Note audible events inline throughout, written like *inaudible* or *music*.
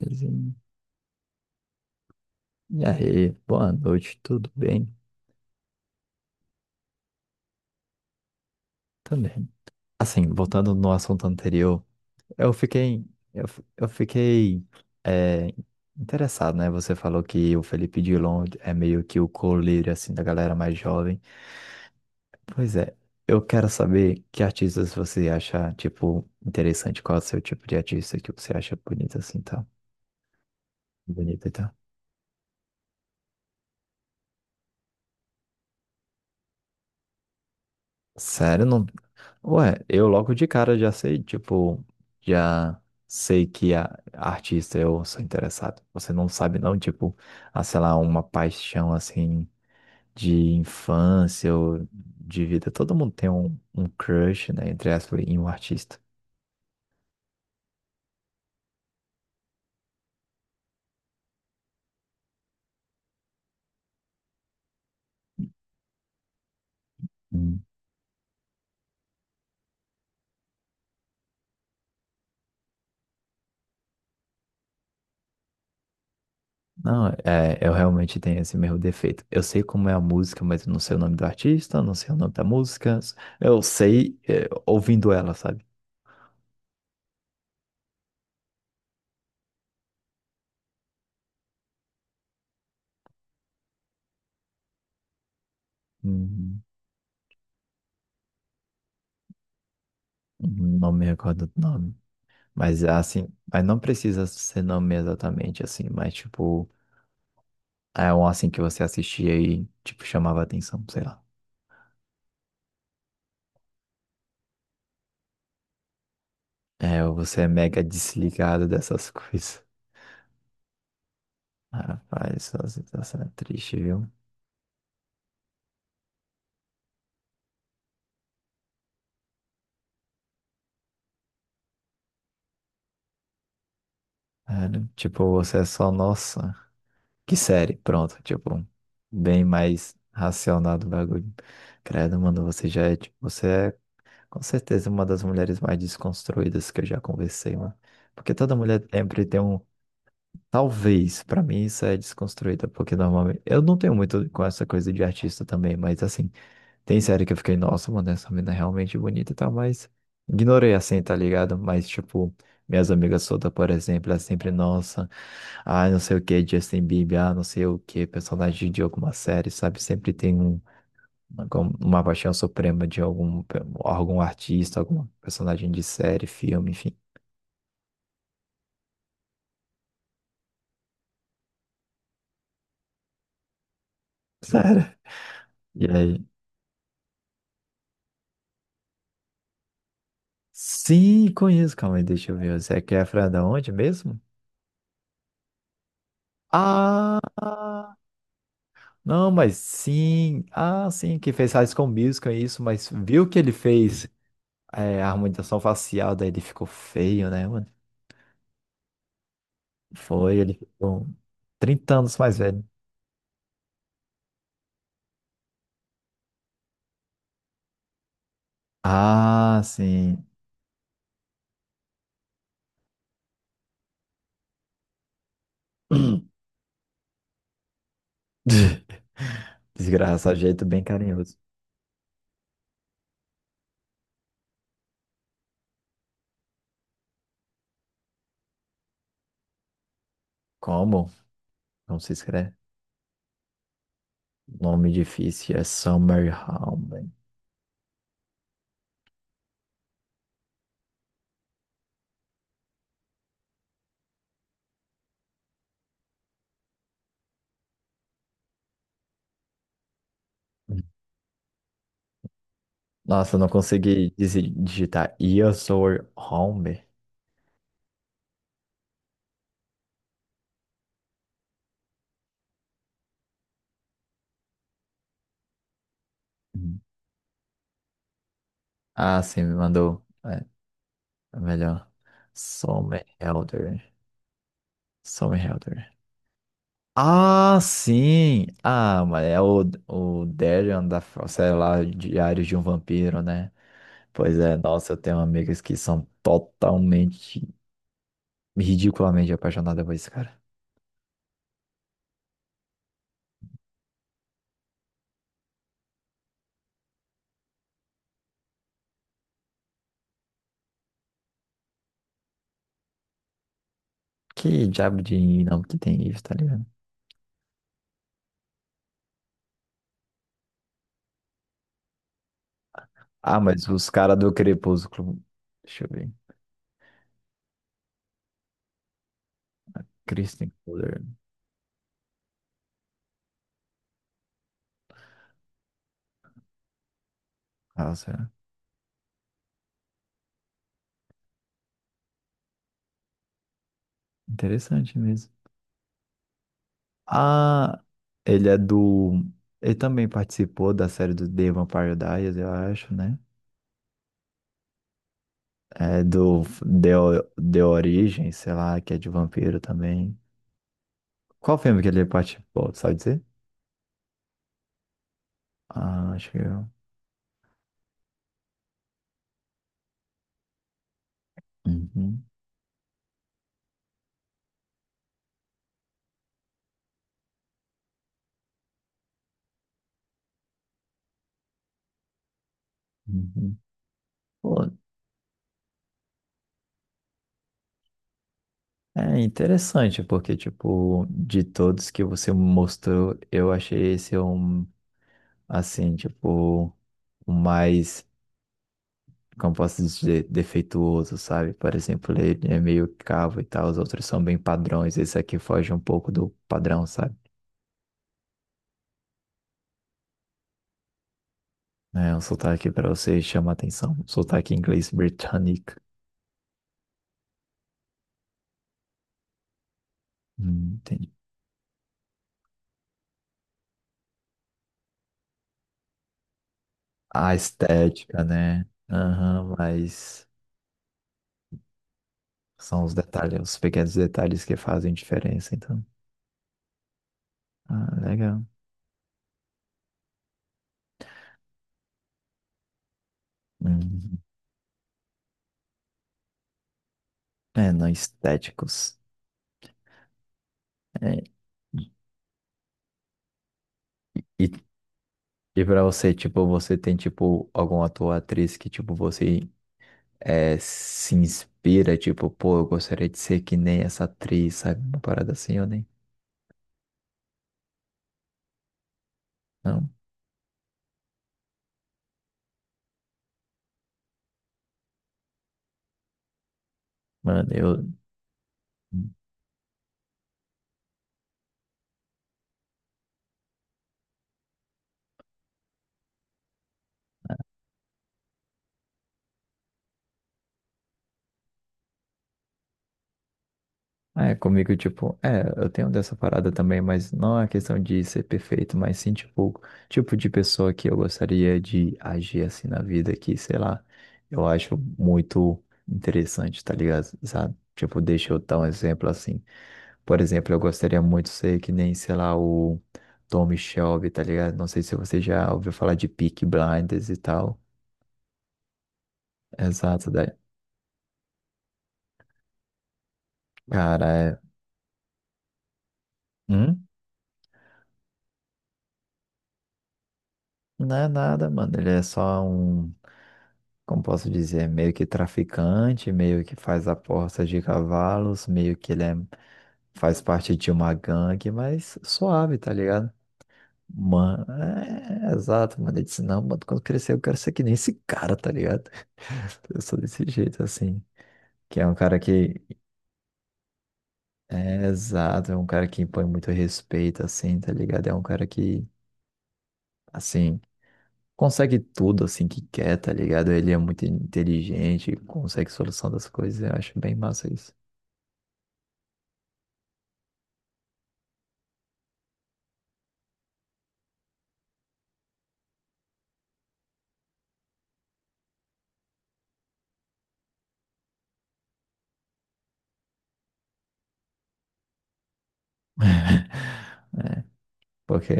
E aí, boa noite, tudo bem? Também. Assim, voltando no assunto anterior, eu fiquei, eu fiquei é, interessado, né? Você falou que o Felipe Dilon é meio que o coleiro, assim, da galera mais jovem. Pois é, eu quero saber que artistas você acha, tipo, interessante, qual é o seu tipo de artista que você acha bonito, assim, tá? Bonito e tal. Sério, não. Ué, eu logo de cara já sei, tipo, já sei que a artista eu sou interessado. Você não sabe não, tipo, a sei lá, uma paixão assim de infância ou de vida. Todo mundo tem um crush, né, entre aspas, em um artista. Hum. Não, é, eu realmente tenho esse mesmo defeito. Eu sei como é a música, mas eu não sei o nome do artista, não sei o nome da música. Eu sei, é, ouvindo ela, sabe? Uhum. Não me recordo do nome. Mas assim, mas não precisa ser nome exatamente assim, mas tipo, é um assim que você assistia e tipo chamava atenção, sei lá. É, ou você é mega desligado dessas *laughs* coisas. Rapaz, essa situação é triste, viu? É, né? Tipo, você é só, nossa, que série, pronto, tipo, bem mais racional do bagulho. Credo, mano, você já é, tipo, você é com certeza uma das mulheres mais desconstruídas que eu já conversei, mano. Porque toda mulher sempre tem um. Talvez, pra mim isso é desconstruída, porque normalmente. Eu não tenho muito com essa coisa de artista também, mas assim, tem série que eu fiquei, nossa, mano, essa mina é realmente bonita e tal, mas ignorei assim, tá ligado? Mas, tipo, minhas amigas Soda, por exemplo, elas sempre, nossa, ah, não sei o que, Justin Bieber, ah, não sei o que, personagem de alguma série, sabe? Sempre tem uma, uma paixão suprema de algum, algum artista, algum personagem de série, filme, enfim. Sério. E aí? Sim, conheço. Calma aí, deixa eu ver. O Zac Efron é da onde mesmo? Ah, não, mas sim. Ah, sim, que fez High School Musical, é isso. Mas viu que ele fez é, a harmonização facial, daí ele ficou feio, né, mano? Foi, ele ficou 30 anos mais velho. Ah, sim. *clears throat* Desgraça, jeito bem carinhoso. Como? Não se escreve. Nome difícil é Summer Home. Nossa, eu não consegui digitar. Your soul home? Hum. Ah, sim, me mandou. É, é melhor. Some Helder. Some Helder. Ah, sim! Ah, mas é o Darion da, sei lá, Diários de um Vampiro, né? Pois é, nossa, eu tenho amigas que são totalmente, ridiculamente apaixonadas por esse cara. Que diabo de não que tem isso, tá ligado? Ah, mas os caras do Crepúsculo. Deixa eu ver. Kristen Cole. Nossa, interessante mesmo. Ah, ele é do. Ele também participou da série do The Vampire Diaries, eu acho, né? É do The, O- The Origem, sei lá, que é de vampiro também. Qual filme que ele participou, tu sabe dizer? Ah, acho que eu. Uhum, uhum. Pô, é interessante, porque, tipo, de todos que você mostrou, eu achei esse um, assim, tipo, o mais. Como posso dizer, defeituoso, sabe? Por exemplo, ele é meio cavo e tal, os outros são bem padrões, esse aqui foge um pouco do padrão, sabe? É um sotaque para você chama atenção, um sotaque inglês britânico. Entendi. A estética, né? Aham, mas são os detalhes, os pequenos detalhes que fazem diferença, então. Ah, legal. Uhum. É, não estéticos. É, E, e pra você, tipo, você tem, tipo, algum ator ou atriz que, tipo, você é, se inspira, tipo, pô, eu gostaria de ser que nem essa atriz, sabe? Uma parada assim, eu nem. Não, mano, eu. É, comigo, tipo, é, eu tenho dessa parada também, mas não é questão de ser perfeito, mas sim, tipo, tipo de pessoa que eu gostaria de agir assim na vida, que, sei lá, eu acho muito interessante, tá ligado? Sabe? Tipo, deixa eu dar um exemplo assim. Por exemplo, eu gostaria muito de ser que nem, sei lá, o Tom Shelby, tá ligado? Não sei se você já ouviu falar de Peaky Blinders e tal. Exato, daí. Cara, é... Hum? Não é nada, mano. Ele é só um, como posso dizer, meio que traficante, meio que faz apostas de cavalos, meio que ele é... faz parte de uma gangue, mas suave, tá ligado? Mano, é, é, exato, mano. Ele disse, não, mano, quando crescer eu quero ser que nem esse cara, tá ligado? *laughs* Eu sou desse jeito, assim. Que é um cara que. É, exato, é um cara que impõe muito respeito, assim, tá ligado? É um cara que, assim, consegue tudo, assim, que quer, tá ligado? Ele é muito inteligente, consegue solução das coisas, eu acho bem massa isso. Porque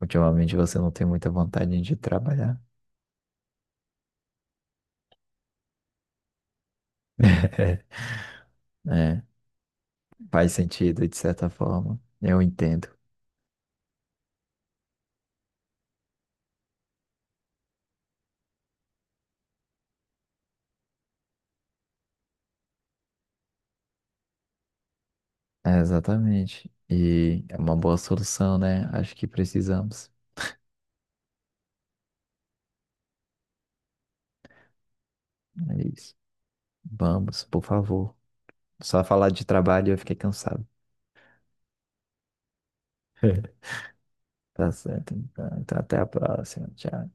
ultimamente você não tem muita vontade de trabalhar. *laughs* É, faz sentido, de certa forma, eu entendo. É, exatamente. E é uma boa solução, né? Acho que precisamos. É isso. Vamos, por favor. Só falar de trabalho eu fiquei cansado. *laughs* Tá certo, então. Então, até a próxima. Tchau.